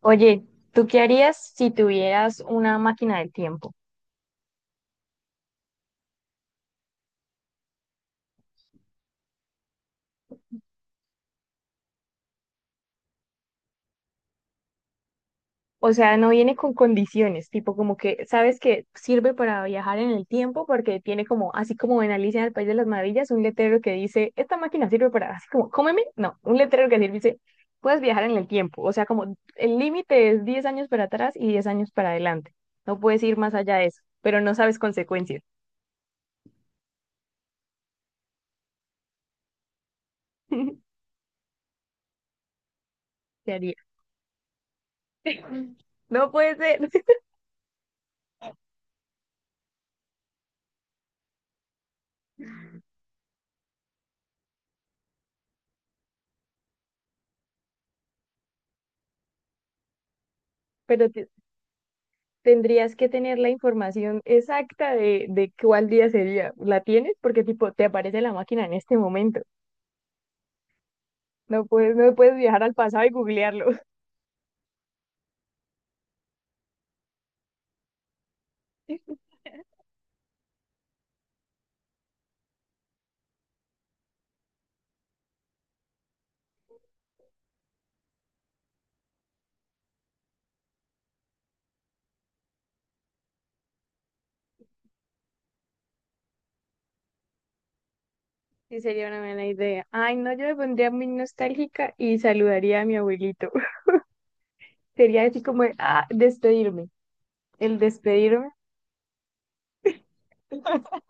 Oye, ¿tú qué harías si tuvieras una máquina del tiempo? O sea, no viene con condiciones, tipo como que sabes que sirve para viajar en el tiempo porque tiene como, así como en Alicia en el País de las Maravillas, un letrero que dice, esta máquina sirve para, así como, cómeme, no, un letrero que sirve, dice, puedes viajar en el tiempo. O sea, como el límite es 10 años para atrás y 10 años para adelante. No puedes ir más allá de eso, pero no sabes consecuencias. ¿Qué harías? No puede ser. Pero tendrías que tener la información exacta de cuál día sería. ¿La tienes? Porque tipo, te aparece la máquina en este momento. No puedes viajar al pasado y googlearlo. Sí, sería una buena idea. Ay, no, yo me pondría muy nostálgica y saludaría a mi abuelito. Sería así como, ah, despedirme. El despedirme.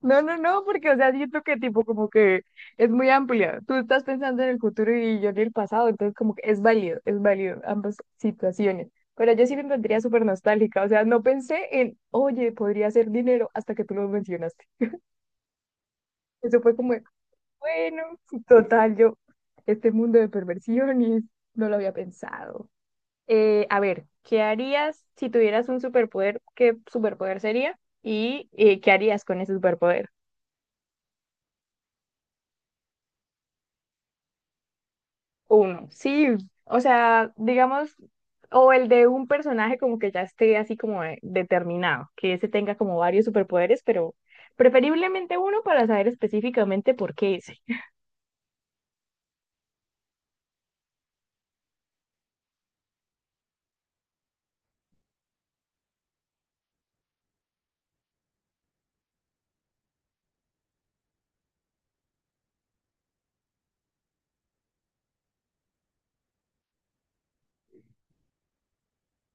No, no, no, porque, o sea, siento que tipo como que es muy amplia. Tú estás pensando en el futuro y yo en el pasado, entonces como que es válido ambas situaciones. Pero yo sí me encontraría súper nostálgica, o sea, no pensé en, oye, podría ser dinero hasta que tú lo mencionaste. Eso fue como, de, bueno, total, yo, este mundo de perversiones, no lo había pensado. A ver, ¿qué harías si tuvieras un superpoder? ¿Qué superpoder sería? ¿Y qué harías con ese superpoder? Uno, sí, o sea, digamos, o el de un personaje como que ya esté así como determinado, que ese tenga como varios superpoderes, pero preferiblemente uno para saber específicamente por qué ese.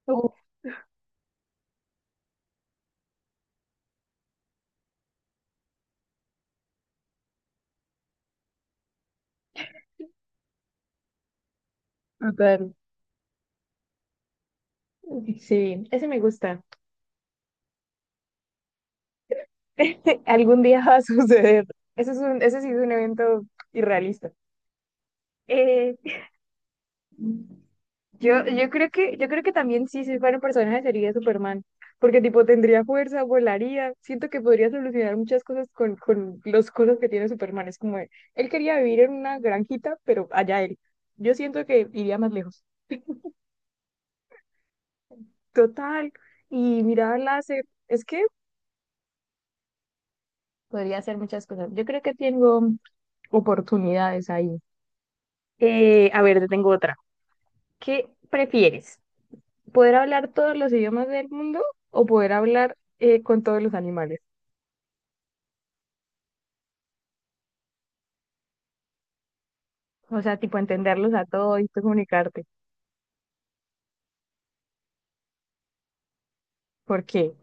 Uf, total. Sí, ese me gusta. Algún día va a suceder. Eso es un, ese sí es un evento irrealista. Eh, yo creo que también sí, si fuera un personaje sería Superman, porque tipo tendría fuerza, volaría, siento que podría solucionar muchas cosas con, los cosas que tiene Superman. Es como, él quería vivir en una granjita, pero allá él. Yo siento que iría más lejos. Total, y mirar láser, es que podría hacer muchas cosas. Yo creo que tengo oportunidades ahí. A ver, te tengo otra. ¿Qué prefieres? ¿Poder hablar todos los idiomas del mundo o poder hablar con todos los animales? O sea, tipo entenderlos a todos y tú comunicarte. ¿Por qué?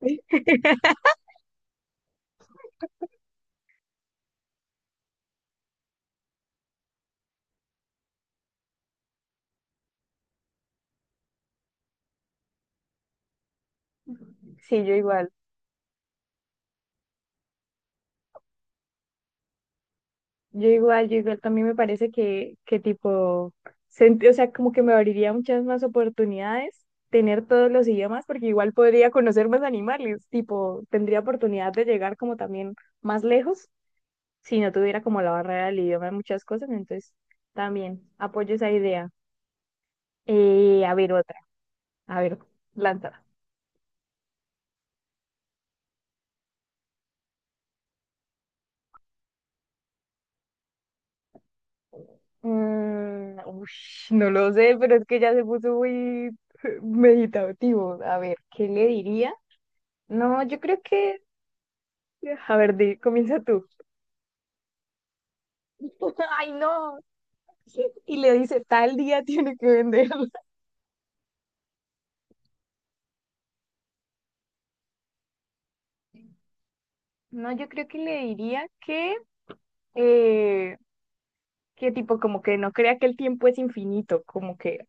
Sí, yo igual. Yo igual, yo igual. También me parece que, tipo, o sea, como que me abriría muchas más oportunidades tener todos los idiomas, porque igual podría conocer más animales. Tipo, tendría oportunidad de llegar como también más lejos si no tuviera como la barrera del idioma en muchas cosas. Entonces, también apoyo esa idea. A ver, otra. A ver, lanza. Ush, no lo sé, pero es que ya se puso muy meditativo. A ver, ¿qué le diría? No, yo creo que... A ver, comienza tú. Ay, no. Y le dice, tal día tiene que venderla. No, yo creo que le diría eh, que tipo como que no crea que el tiempo es infinito, como que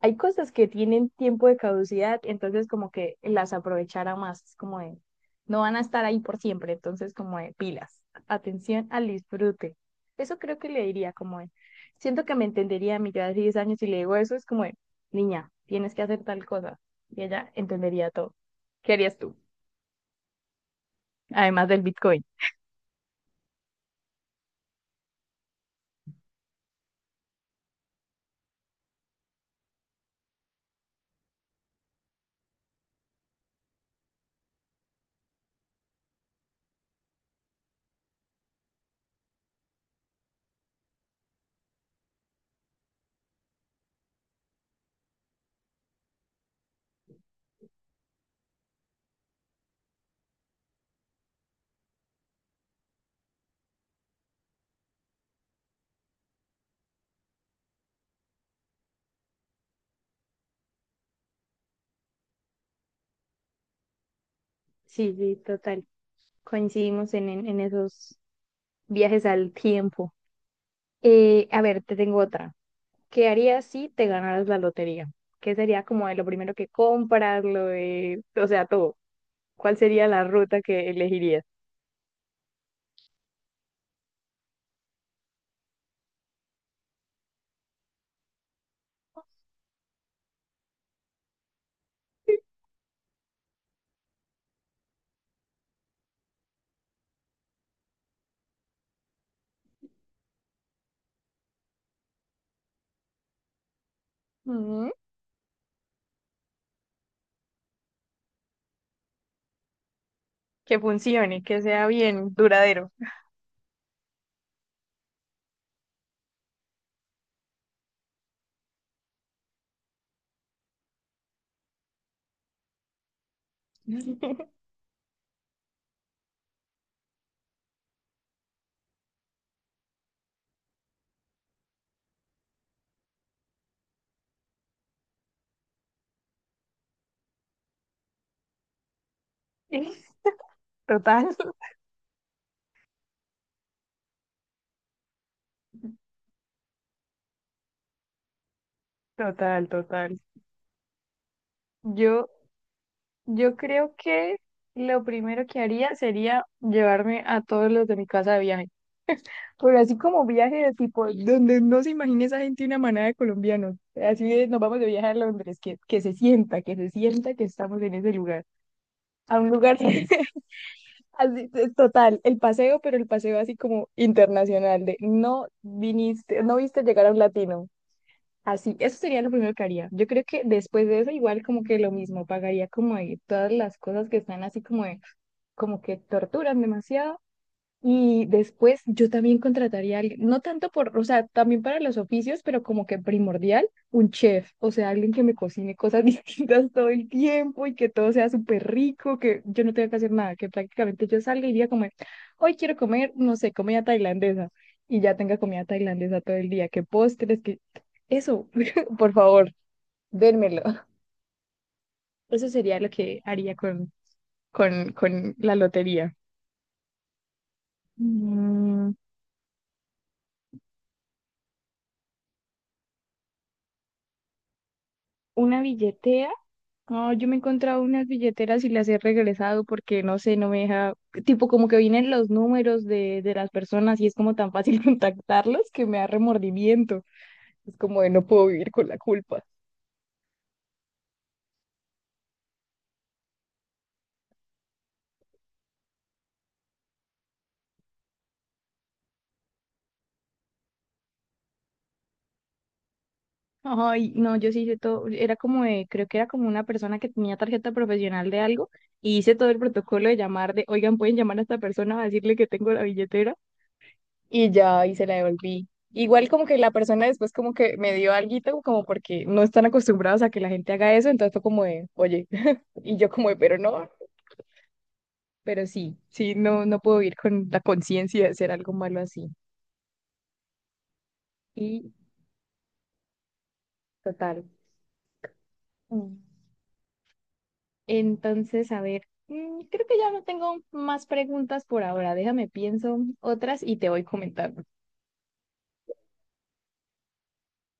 hay cosas que tienen tiempo de caducidad, entonces como que las aprovechara más, es como de, no van a estar ahí por siempre, entonces como de pilas, atención al disfrute. Eso creo que le diría como de, siento que me entendería a mí yo de 10 años y le digo eso, es como de, niña, tienes que hacer tal cosa, y ella entendería todo. ¿Qué harías tú? Además del Bitcoin. Sí, sí, total. Coincidimos en esos viajes al tiempo. A ver, te tengo otra. ¿Qué harías si te ganaras la lotería? ¿Qué sería como de lo primero que compras, lo de, o sea, todo? ¿Cuál sería la ruta que elegirías? Ujú. Que funcione, que sea bien duradero. Total, total, total. Yo, yo creo que lo primero que haría sería llevarme a todos los de mi casa de viaje. Pero así como viaje de tipo, donde no se imagine esa gente una manada de colombianos. Así de, nos vamos de viaje a Londres, que, se sienta, que se sienta que estamos en ese lugar. A un lugar así, es total, el paseo, pero el paseo así como internacional, de no viniste, no viste llegar a un latino. Así, eso sería lo primero que haría. Yo creo que después de eso, igual como que lo mismo, pagaría como de todas las cosas que están así como de, como que torturan demasiado y después yo también contrataría a alguien, no tanto por, o sea, también para los oficios, pero como que primordial, un chef, o sea, alguien que me cocine cosas distintas todo el tiempo y que todo sea súper rico, que yo no tenga que hacer nada, que prácticamente yo salga y diga como, hoy quiero comer, no sé, comida tailandesa, y ya tenga comida tailandesa todo el día, que postres, que eso, por favor, dérmelo. Eso sería lo que haría con, con la lotería. Mm, una billetera. Ah, yo me he encontrado unas billeteras y las he regresado porque no sé, no me deja, tipo como que vienen los números de las personas y es como tan fácil contactarlos que me da remordimiento. Es como de no puedo vivir con la culpa. Ay, no, yo sí hice todo, era como de, creo que era como una persona que tenía tarjeta profesional de algo y hice todo el protocolo de llamar de, oigan, pueden llamar a esta persona a decirle que tengo la billetera y ya, y se la devolví. Igual como que la persona después como que me dio alguito, como porque no están acostumbrados a que la gente haga eso, entonces fue como de, oye, y yo como de, pero no, pero sí, sí, no, no puedo ir con la conciencia de hacer algo malo así. Y total. mm, Entonces, a ver, creo que ya no tengo más preguntas por ahora, déjame pienso otras y te voy comentando.